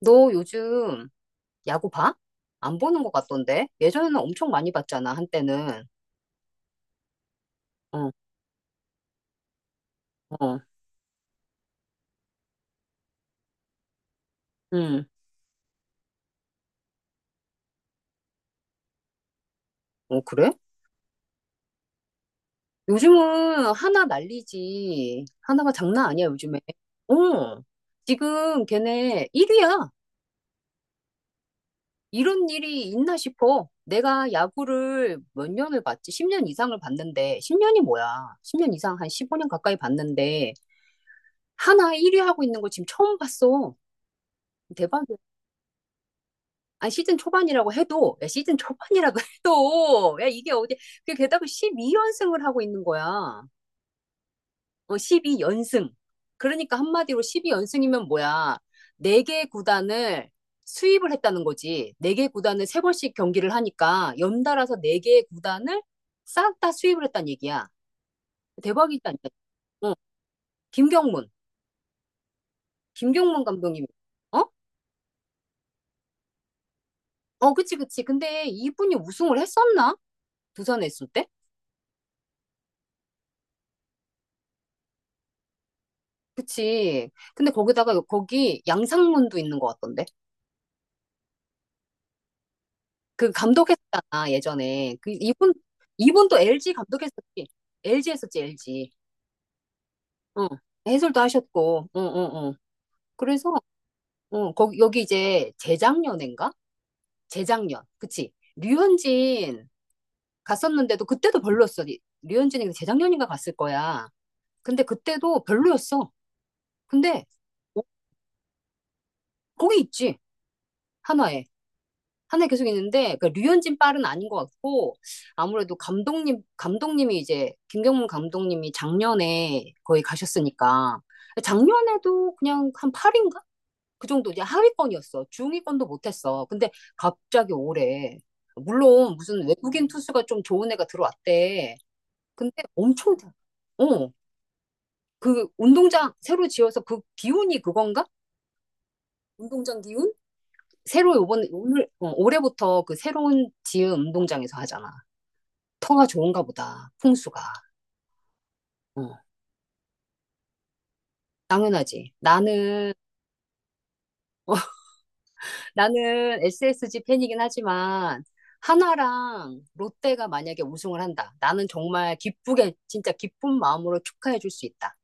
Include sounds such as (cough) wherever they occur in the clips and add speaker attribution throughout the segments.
Speaker 1: 너 요즘 야구 봐? 안 보는 것 같던데? 예전에는 엄청 많이 봤잖아, 한때는. 어, 어, 응. 어, 그래? 요즘은 하나 난리지. 하나가 장난 아니야, 요즘에. 어, 지금 걔네 1위야. 이런 일이 있나 싶어. 내가 야구를 몇 년을 봤지? 10년 이상을 봤는데, 10년이 뭐야? 10년 이상, 한 15년 가까이 봤는데, 하나 1위 하고 있는 거 지금 처음 봤어. 대박. 아니 시즌 초반이라고 해도 야, 시즌 초반이라고 (laughs) 해도 야 이게 어디 그 게다가 12연승을 하고 있는 거야. 어 12연승. 그러니까 한마디로 12연승이면 뭐야? 네 개 구단을 수입을 했다는 거지. 네 개 구단을 세 번씩 경기를 하니까 연달아서 네 개의 구단을 싹 다 수입을 했다는 얘기야. 대박이다 진짜. 어 김경문. 김경문 감독님. 어? 어 그치 그치. 근데 이분이 우승을 했었나? 부산에 있을 때? 그치. 근데 거기다가 거기 양상문도 있는 것 같던데. 그 감독했잖아, 예전에. 그 이분도 LG 감독했었지. LG 했었지, LG. 응. 해설도 하셨고. 응, 응, 응. 그래서 응, 거기 여기 이제 재작년인가? 재작년. 그치. 류현진 갔었는데도 그때도 별로였어. 류현진이 재작년인가 갔을 거야. 근데 그때도 별로였어. 근데 어, 거기 있지. 한화에. 한 해 계속 있는데 그러니까 류현진 빨은 아닌 것 같고 아무래도 감독님이 이제 김경문 감독님이 작년에 거의 가셨으니까 작년에도 그냥 한 8인가? 그 정도 이제 하위권이었어. 중위권도 못했어. 근데 갑자기 올해 물론 무슨 외국인 투수가 좀 좋은 애가 들어왔대. 근데 엄청 잘- 어, 그 운동장 새로 지어서 그 기운이 그건가? 운동장 기운? 새로 요번 오늘 어, 올해부터 그 새로운 지은 운동장에서 하잖아. 터가 좋은가 보다. 풍수가. 어, 당연하지. 나는 SSG 팬이긴 하지만, 하나랑 롯데가 만약에 우승을 한다. 나는 정말 기쁘게, 진짜 기쁜 마음으로 축하해 줄 수 있다.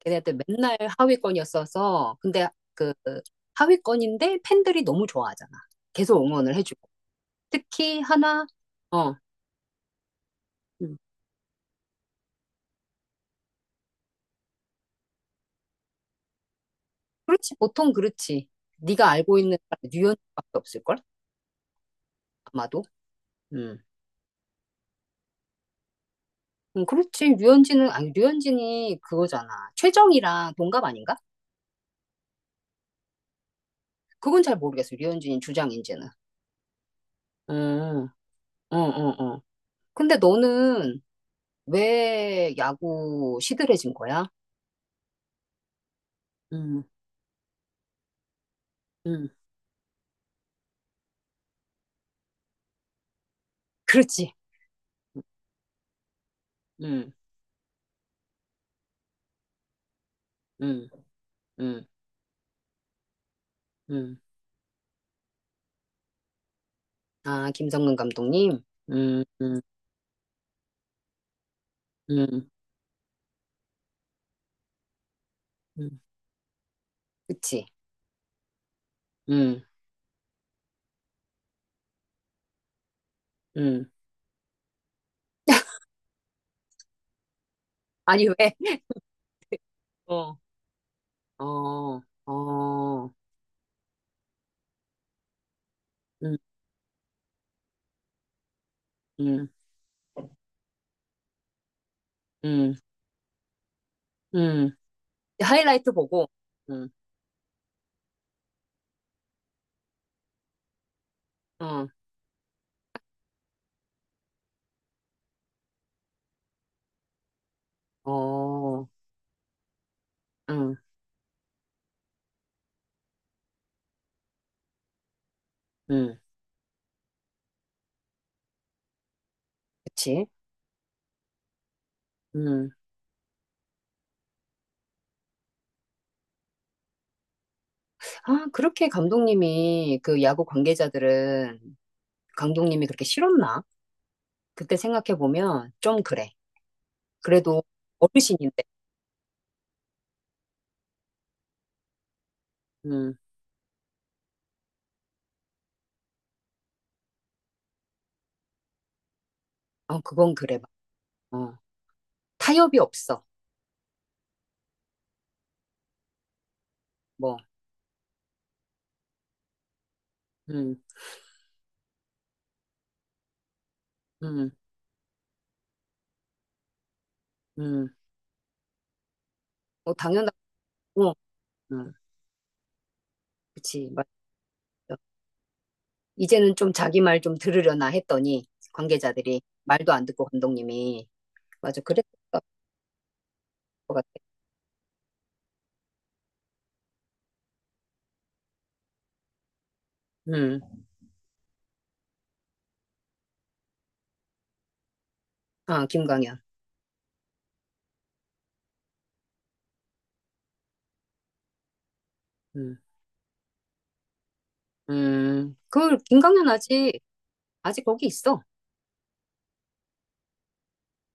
Speaker 1: 걔네들 맨날 하위권이었어서, 근데 그, 하위권인데 팬들이 너무 좋아하잖아. 계속 응원을 해주고. 특히 하나, 어, 음. 그렇지. 보통 그렇지. 네가 알고 있는 뉴욕밖에 없을걸? 아마도. 음. 그렇지. 류현진은, 아니, 류현진이 그거잖아. 최정이랑 동갑 아닌가? 그건 잘 모르겠어. 류현진이 주장인지는. 응 응, 응, 응. 근데 너는 왜 야구 시들해진 거야? 응. 응 그렇지. 응. 응 응 응 아, 김성근 감독님? 응. 응 응 응 그치. 응. 응 아니, 왜? (laughs) 어, 어, 어. 응. 응. 응 응 하이라이트 보고. 응. 어. 어, 응, 응, 그치. 응. 아, 그렇게 감독님이, 그 야구 관계자들은 감독님이 그렇게 싫었나? 그때 생각해보면 좀 그래. 그래도 어르신인데, 응, 어, 그건 그래. 어, 타협이 없어. 뭐, 응, 응, 응. 뭐, 당연하고, 응, 그치. 맞죠. 이제는 좀 자기 말 좀 들으려나 했더니, 관계자들이 말도 안 듣고 감독님이. 맞아. 그랬을 것 같아. 응, 아, 김광현. 응. 그, 김강현 아직, 아직 거기 있어.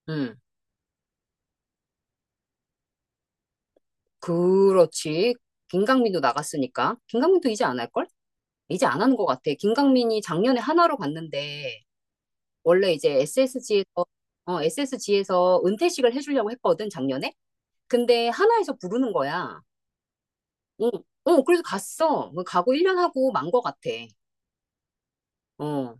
Speaker 1: 음, 그렇지. 김강민도 나갔으니까. 김강민도 이제 안 할걸? 이제 안 하는 것 같아. 김강민이 작년에 하나로 갔는데, 원래 이제 SSG에서, 어, SSG에서 은퇴식을 해주려고 했거든, 작년에? 근데 하나에서 부르는 거야. 응, 어, 그래서 갔어. 뭐 가고 1년 하고 만 것 같아. 어,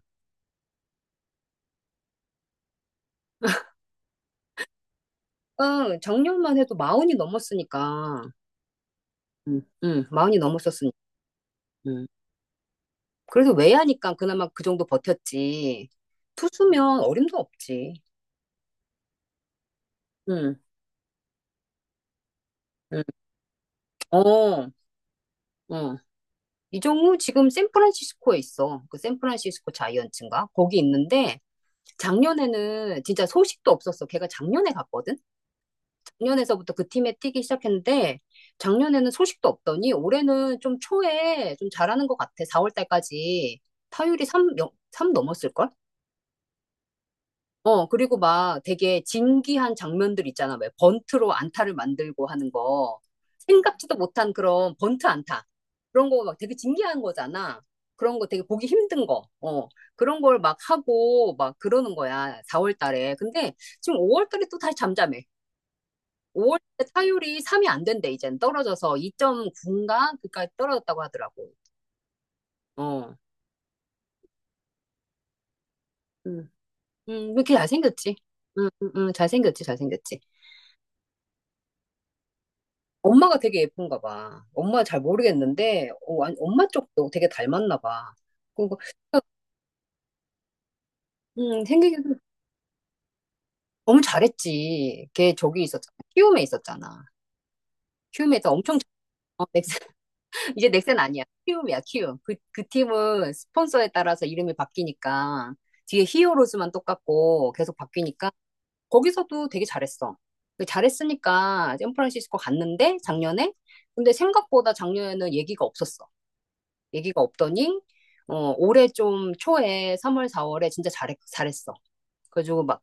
Speaker 1: 어, 작년만 해도 마흔이 넘었으니까. 응, 응, 마흔이 넘었었으니까. 그래서 왜 하니까 그나마 그 정도 버텼지. 투수면 어림도 없지. 응, 응. 어, 어. 이정우 지금 샌프란시스코에 있어. 그 샌프란시스코 자이언츠인가? 거기 있는데 작년에는 진짜 소식도 없었어. 걔가 작년에 갔거든? 작년에서부터 그 팀에 뛰기 시작했는데 작년에는 소식도 없더니 올해는 좀 초에 좀 잘하는 것 같아. 4월 달까지 타율이 3, 3 넘었을걸? 어, 그리고 막 되게 진기한 장면들 있잖아. 왜 번트로 안타를 만들고 하는 거. 생각지도 못한 그런 번트 안타. 그런 거 막 되게 진기한 거잖아. 그런 거 되게 보기 힘든 거. 어, 그런 걸 막 하고 막 그러는 거야. 4월 달에. 근데 지금 5월 달에 또 다시 잠잠해. 5월 달에 타율이 3이 안 된대, 이젠. 떨어져서 2.9인가? 그까지 떨어졌다고 하더라고. 어. 음, 왜 이렇게 잘생겼지? 응, 응, 응, 잘생겼지, 잘생겼지. 엄마가 되게 예쁜가 봐. 엄마 잘 모르겠는데, 어, 엄마 쪽도 되게 닮았나 봐. 그리고, 생기기 너무 잘했지. 걔 저기 있었잖아. 키움에 있었잖아. 키움에서 엄청 잘- 어, 넥센, (laughs) 이제 넥센 아니야. 키움이야, 키움. 그, 그 팀은 스폰서에 따라서 이름이 바뀌니까, 뒤에 히어로즈만 똑같고 계속 바뀌니까, 거기서도 되게 잘했어. 그 잘했으니까 샌프란시스코 갔는데, 작년에? 근데 생각보다 작년에는 얘기가 없었어. 얘기가 없더니 어, 올해 좀 초에 3월, 4월에 진짜 잘했어. 그래가지고 막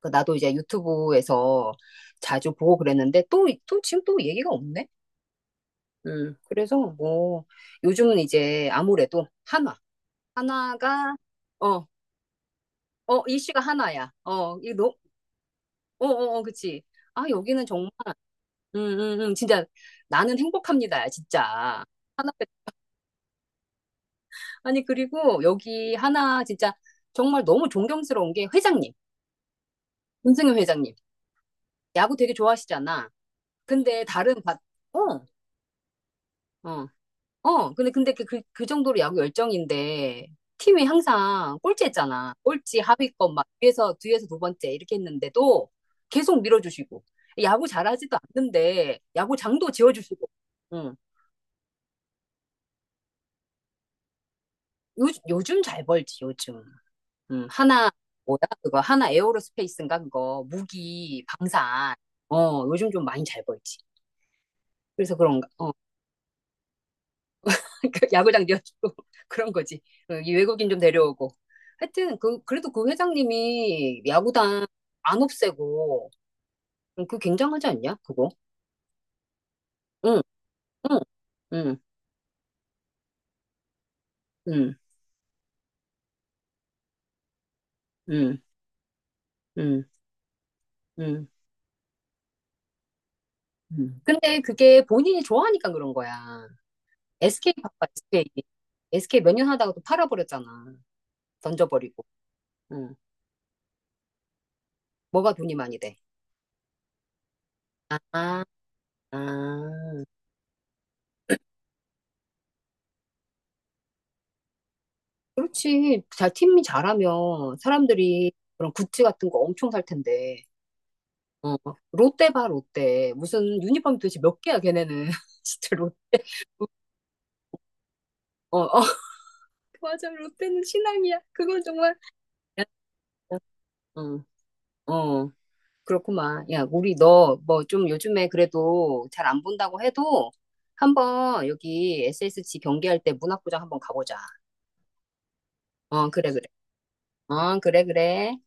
Speaker 1: 그 나도 이제 유튜브에서 자주 보고 그랬는데 또, 또 지금 또 얘기가 없네. 그래서 뭐 요즘은 이제 아무래도 한화, 한화가 어, 어, 이슈가 한화야. 어, 이 노, 어, 어, 어, 그치. 아, 여기는 정말, 음, 진짜 나는 행복합니다, 진짜. 하나, 아니, 그리고 여기 하나 진짜 정말 너무 존경스러운 게 회장님. 문승윤 회장님, 야구 되게 좋아하시잖아. 근데 다른 바, 어, 어, 어. 근데 그, 그, 그 정도로 야구 열정인데 팀이 항상 꼴찌했잖아. 꼴찌 하위권 막 뒤에서 두 번째 이렇게 했는데도 계속 밀어주시고 야구 잘하지도 않는데 야구장도 지어주시고. 응. 요즘 잘 벌지 요즘. 응. 하나 뭐야 그거 하나 에어로스페이스인가 그거 무기 방산. 어 요즘 좀 많이 잘 벌지. 그래서 그런가. 어. (laughs) 야구장 지어주고 (laughs) 그런 거지. 어, 이 외국인 좀 데려오고. 하여튼 그 그래도 그 회장님이 야구단 안 없애고 그 굉장하지 않냐? 그거. 응, 응, 응, 응, 응, 응, 응. 응. 근데 그게 본인이 좋아하니까 그런 거야. SK 바빠 SK. SK 몇 년 하다가 또 팔아버렸잖아. 던져버리고. 응. 뭐가 돈이 많이 돼? 아, 아. 그렇지. 자, 팀이 잘하면 사람들이 그런 굿즈 같은 거 엄청 살 텐데. 어, 롯데 봐, 롯데. 무슨 유니폼 도대체 몇 개야, 걔네는. (laughs) 진짜 롯데. 어, 어. (laughs) 맞아, 롯데는 신앙이야. 그건 정말. 야, 응, 어, 어, 그렇구만. 야, 우리 너 뭐 좀 요즘에 그래도 잘 안 본다고 해도 한번 여기 SSG 경기할 때 문학구장 한번 가보자. 어, 그래, 그래. 어, 그래, 그래.